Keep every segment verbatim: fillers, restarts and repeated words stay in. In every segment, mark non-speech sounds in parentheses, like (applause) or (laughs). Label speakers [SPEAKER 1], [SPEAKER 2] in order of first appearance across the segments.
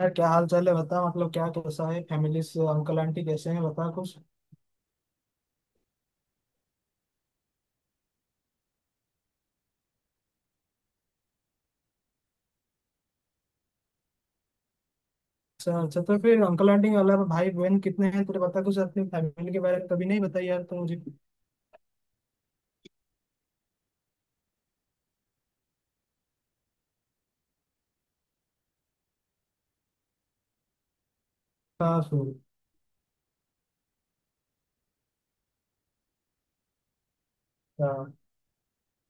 [SPEAKER 1] यार क्या हाल चाल है बता। मतलब क्या कैसा है? फैमिली से अंकल आंटी कैसे हैं बता कुछ। अच्छा अच्छा, तो फिर अंकल आंटी के अलावा भाई बहन कितने हैं तेरे? बता कुछ अपनी फैमिली के बारे में। कभी नहीं बताई यार तो मुझे। हाँ फिर। हाँ।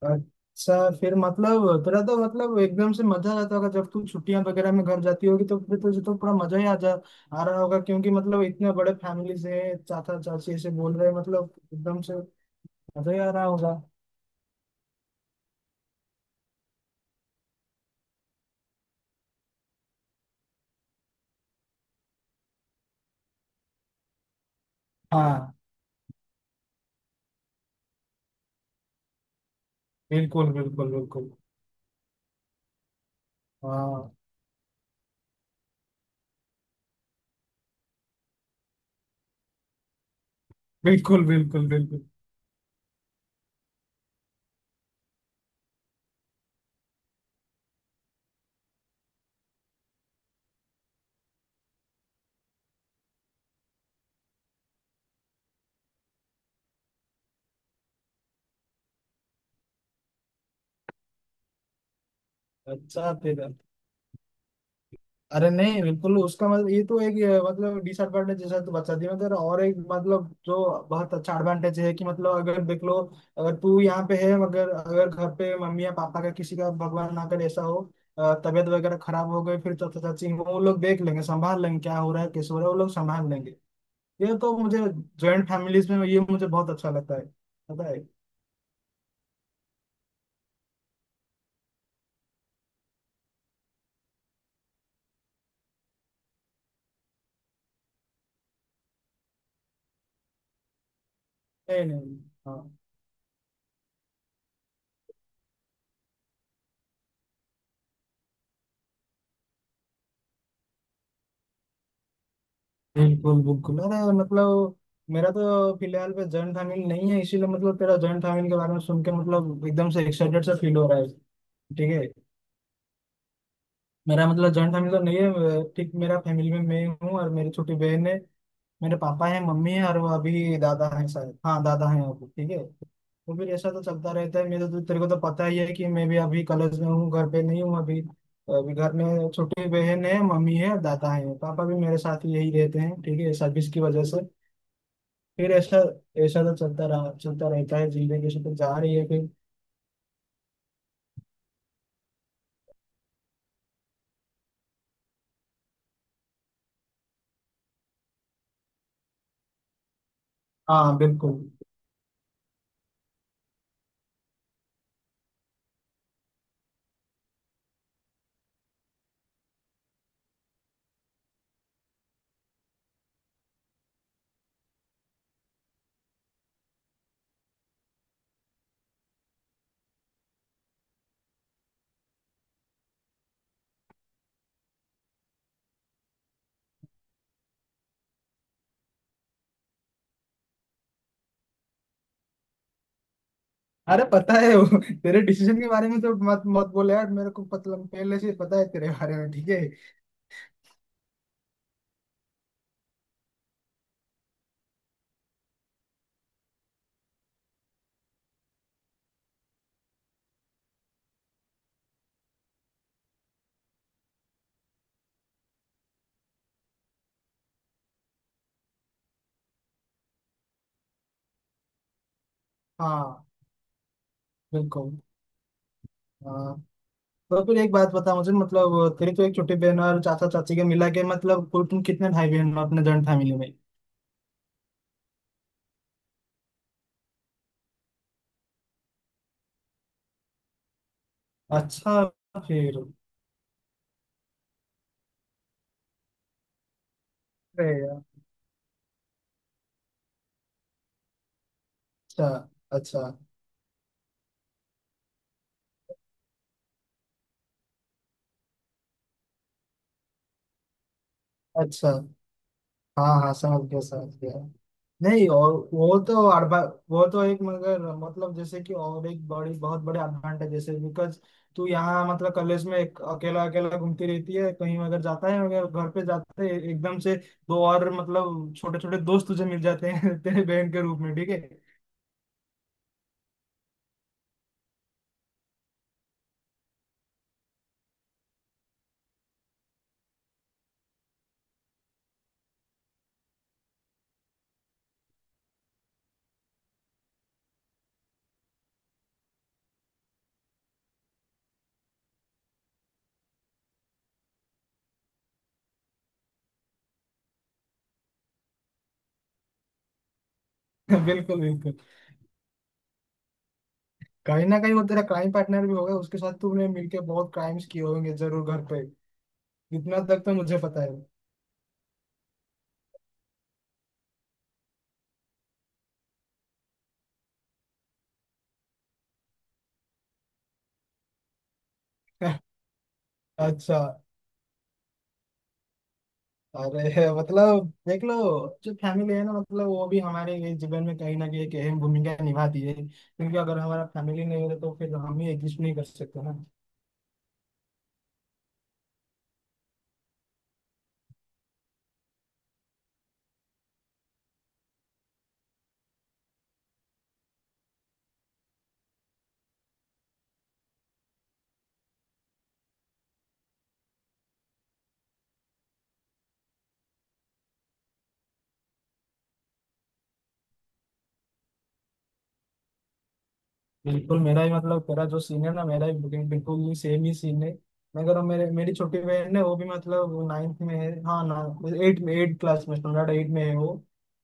[SPEAKER 1] अच्छा, फिर मतलब तेरा तो मतलब एकदम से मजा आ जाता होगा जब तू छुट्टियां वगैरह में घर जाती होगी। तो फिर तुझे तो पूरा मजा ही आ जा आ रहा होगा क्योंकि मतलब इतने बड़े फैमिली से चाचा चाची ऐसे बोल रहे हैं, मतलब एकदम से मजा ही आ रहा होगा। हाँ, बिल्कुल बिल्कुल बिल्कुल हाँ, बिल्कुल बिल्कुल बिल्कुल अच्छा तेरा। अरे नहीं, बिल्कुल उसका मतलब ये तो एक अ, मतलब डिसएडवांटेज जैसा तो बता दिया। मतलब और एक मतलब जो बहुत अच्छा एडवांटेज है कि मतलब अगर देख लो, अगर तू यहाँ पे है मगर अगर घर पे मम्मी या पापा का किसी का भगवान ना करे ऐसा हो, अ, तबीयत वगैरह खराब हो गई, फिर चाचा चाची हो, वो लोग देख लेंगे, संभाल लेंगे। क्या हो रहा है कैसे हो रहा है वो लोग संभाल लेंगे। ये तो मुझे जॉइंट फैमिलीज में ये मुझे बहुत अच्छा लगता है पता है। नहीं नहीं। हाँ बिल्कुल बिल्कुल। अरे मतलब मेरा तो फिलहाल पे जॉइंट फैमिली नहीं है, इसीलिए मतलब तेरा जॉइंट फैमिली के बारे में सुन के मतलब एकदम से एक्साइटेड सा फील हो रहा है। ठीक है। मेरा मतलब जॉइंट फैमिली तो नहीं है, ठीक। मेरा फैमिली में मैं हूँ और मेरी छोटी बहन है। मेरे पापा है मम्मी है और वो अभी दादा है शायद, हाँ दादा है अभी, ठीक है। तो फिर ऐसा तो चलता रहता है। मेरे तो तेरे को तो पता ही है कि मैं भी अभी कॉलेज में हूँ, घर पे नहीं हूँ अभी। अभी घर में छोटी बहन है, मम्मी है, दादा है, पापा भी मेरे साथ ही यही रहते हैं, ठीक है, सर्विस की वजह से। फिर ऐसा, ऐसा तो चलता रहा चलता रहता है, जिंदगी से तो जा रही है फिर। हाँ बिल्कुल। अरे पता है वो तेरे डिसीजन के बारे में तो मत मत बोले यार मेरे को, मतलब पहले से पता है तेरे बारे में, ठीक है। हाँ बिल्कुल। हाँ, तो फिर एक बात बता मुझे, मतलब तेरी तो एक छोटी बहन और चाचा चाची के मिला के मतलब कुल तुम कितने भाई बहन हो अपने जॉइंट फैमिली में? अच्छा। फिर। अरे यार। अच्छा। अच्छा। अच्छा। हाँ हाँ समझ गया समझ गया। नहीं और वो तो अड़बा वो तो एक मगर मतलब जैसे कि और एक बड़ी बहुत बड़े एडवांटेज जैसे बिकॉज तू यहाँ मतलब कॉलेज में एक अकेला अकेला घूमती रहती है, कहीं अगर जाता है अगर घर पे जाते है एकदम से दो और मतलब छोटे छोटे दोस्त तुझे मिल जाते हैं (laughs) तेरे बहन के रूप में, ठीक है। (laughs) बिल्कुल बिल्कुल। कहीं ना कहीं वो तेरा क्राइम पार्टनर भी होगा, उसके साथ तूने मिलके बहुत क्राइम्स किए होंगे जरूर घर पे। इतना तक तो मुझे पता है। (laughs) अच्छा। अरे (laughs) मतलब देख लो, जो फैमिली है ना मतलब वो भी हमारे ये जीवन में कहीं ना कहीं एक अहम भूमिका निभाती है, क्योंकि अगर हमारा फैमिली नहीं होता तो फिर हम ही एग्जिस्ट नहीं कर सकते ना। बिल्कुल, मेरा ही मतलब तेरा जो सीन है ना, मेरा ही बिल्कुल बिल्कुल ही सेम ही सीन है। मैं कह रहा हूँ मेरे मेरी छोटी बहन है, वो भी मतलब नाइन्थ में है, हाँ ना, एट में, एट क्लास में, स्टैंडर्ड एट में है वो।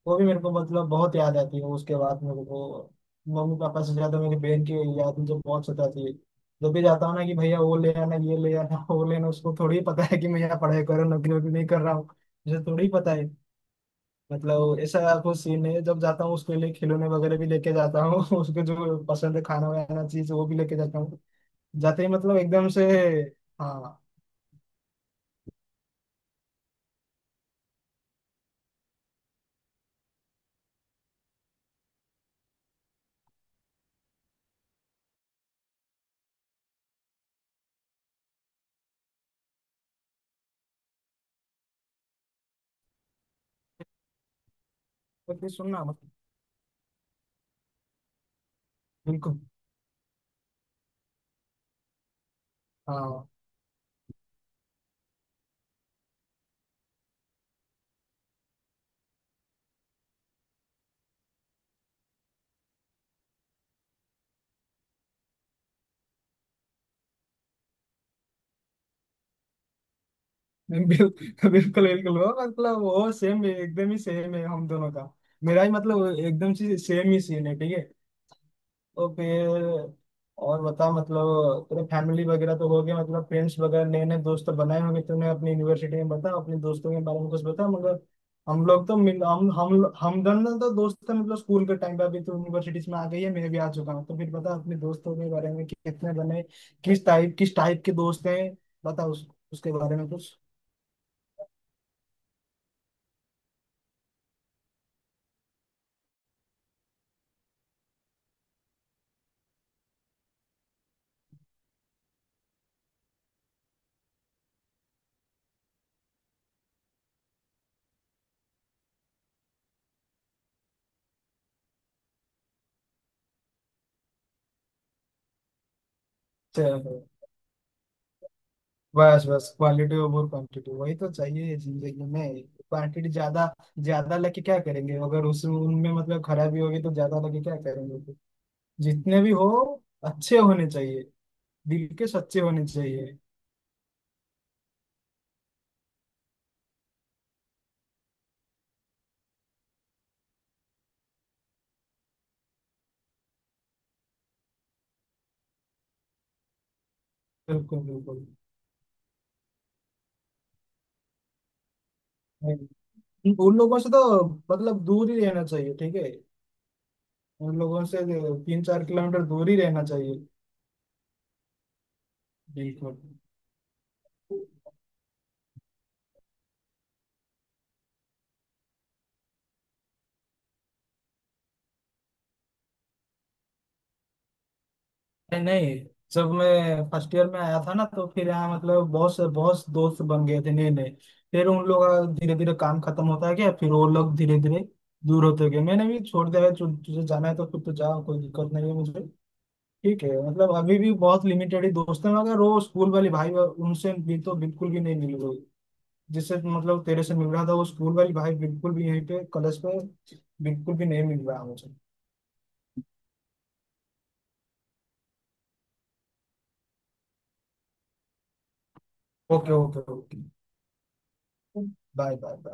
[SPEAKER 1] वो भी मेरे को मतलब बहुत याद आती है। उसके बाद मेरे को मम्मी पापा से ज्यादा मेरी बहन की याद मुझे बहुत सताती है। जब भी जाता हूँ ना कि भैया वो ले आना ये ले आना (laughs) वो लेना। उसको थोड़ी पता है कि मैं यहाँ पढ़ाई कर रहा हूँ, नौकरी वोकरी नहीं कर रहा हूँ। मुझे थोड़ी पता है। मतलब ऐसा कुछ सीन नहीं है। जब जाता हूँ उसके लिए खिलौने वगैरह भी लेके जाता हूँ (laughs) उसको जो पसंद है खाना वाना चीज वो भी लेके जाता हूँ। जाते ही मतलब एकदम से। हाँ। तो फिर सुनना मतलब। बिल्कुल। हाँ बिल, बिल्कुल। बिल्कुल वो मतलब वो सेम एकदम ही सेम है हम दोनों का। मेरा ही मतलब एकदम से सेम ही सीन है, ठीक है। तो फिर और बता, मतलब तेरे फैमिली वगैरह तो हो गए, मतलब फ्रेंड्स वगैरह नए नए दोस्त तो बनाए होंगे तूने अपनी यूनिवर्सिटी में, बता अपने दोस्तों के बारे में कुछ बता मगर। हम लोग तो मिल हम हम हम दोनों तो दोस्त थे मतलब स्कूल के टाइम पे, अभी तो यूनिवर्सिटीज में आ गई है, मैं भी आ चुका हूँ। तो फिर बता अपने दोस्तों के बारे में कि कितने बने, किस टाइप किस टाइप के दोस्त हैं। बता उस, उसके बारे में कुछ। बस बस, क्वालिटी ओवर क्वांटिटी वही तो चाहिए जिंदगी में। क्वांटिटी ज्यादा ज्यादा लेके क्या करेंगे अगर उस उनमें मतलब खराबी होगी तो ज्यादा लेके क्या करेंगे फिर? जितने भी हो अच्छे होने चाहिए। दिल के सच्चे होने चाहिए। बिल्कुल बिल्कुल। नहीं, उन लोगों से तो मतलब दूर ही रहना चाहिए, ठीक है। उन लोगों से तीन चार किलोमीटर दूर ही रहना चाहिए। बिल्कुल। नहीं नहीं, जब मैं फर्स्ट ईयर में आया था ना, तो फिर यहाँ मतलब बहुत से बहुत से दोस्त बन गए थे नए नए। फिर उन लोग का धीरे धीरे काम खत्म होता गया, फिर वो लोग धीरे धीरे दूर होते गए। मैंने भी छोड़ दिया, तु, तुझे जाना है तो फिर तो जाओ, कोई दिक्कत नहीं है मुझे। ठीक है, मतलब अभी भी बहुत लिमिटेड ही दोस्त हैं, मगर वो स्कूल वाली भाई वा- उनसे भी तो बिल्कुल भी नहीं मिल रही। जिससे मतलब तेरे से मिल रहा था वो स्कूल वाली भाई, बिल्कुल भी यहीं पे कॉलेज पे बिल्कुल भी नहीं मिल रहा मुझे। Okay okay okay. Bye bye bye.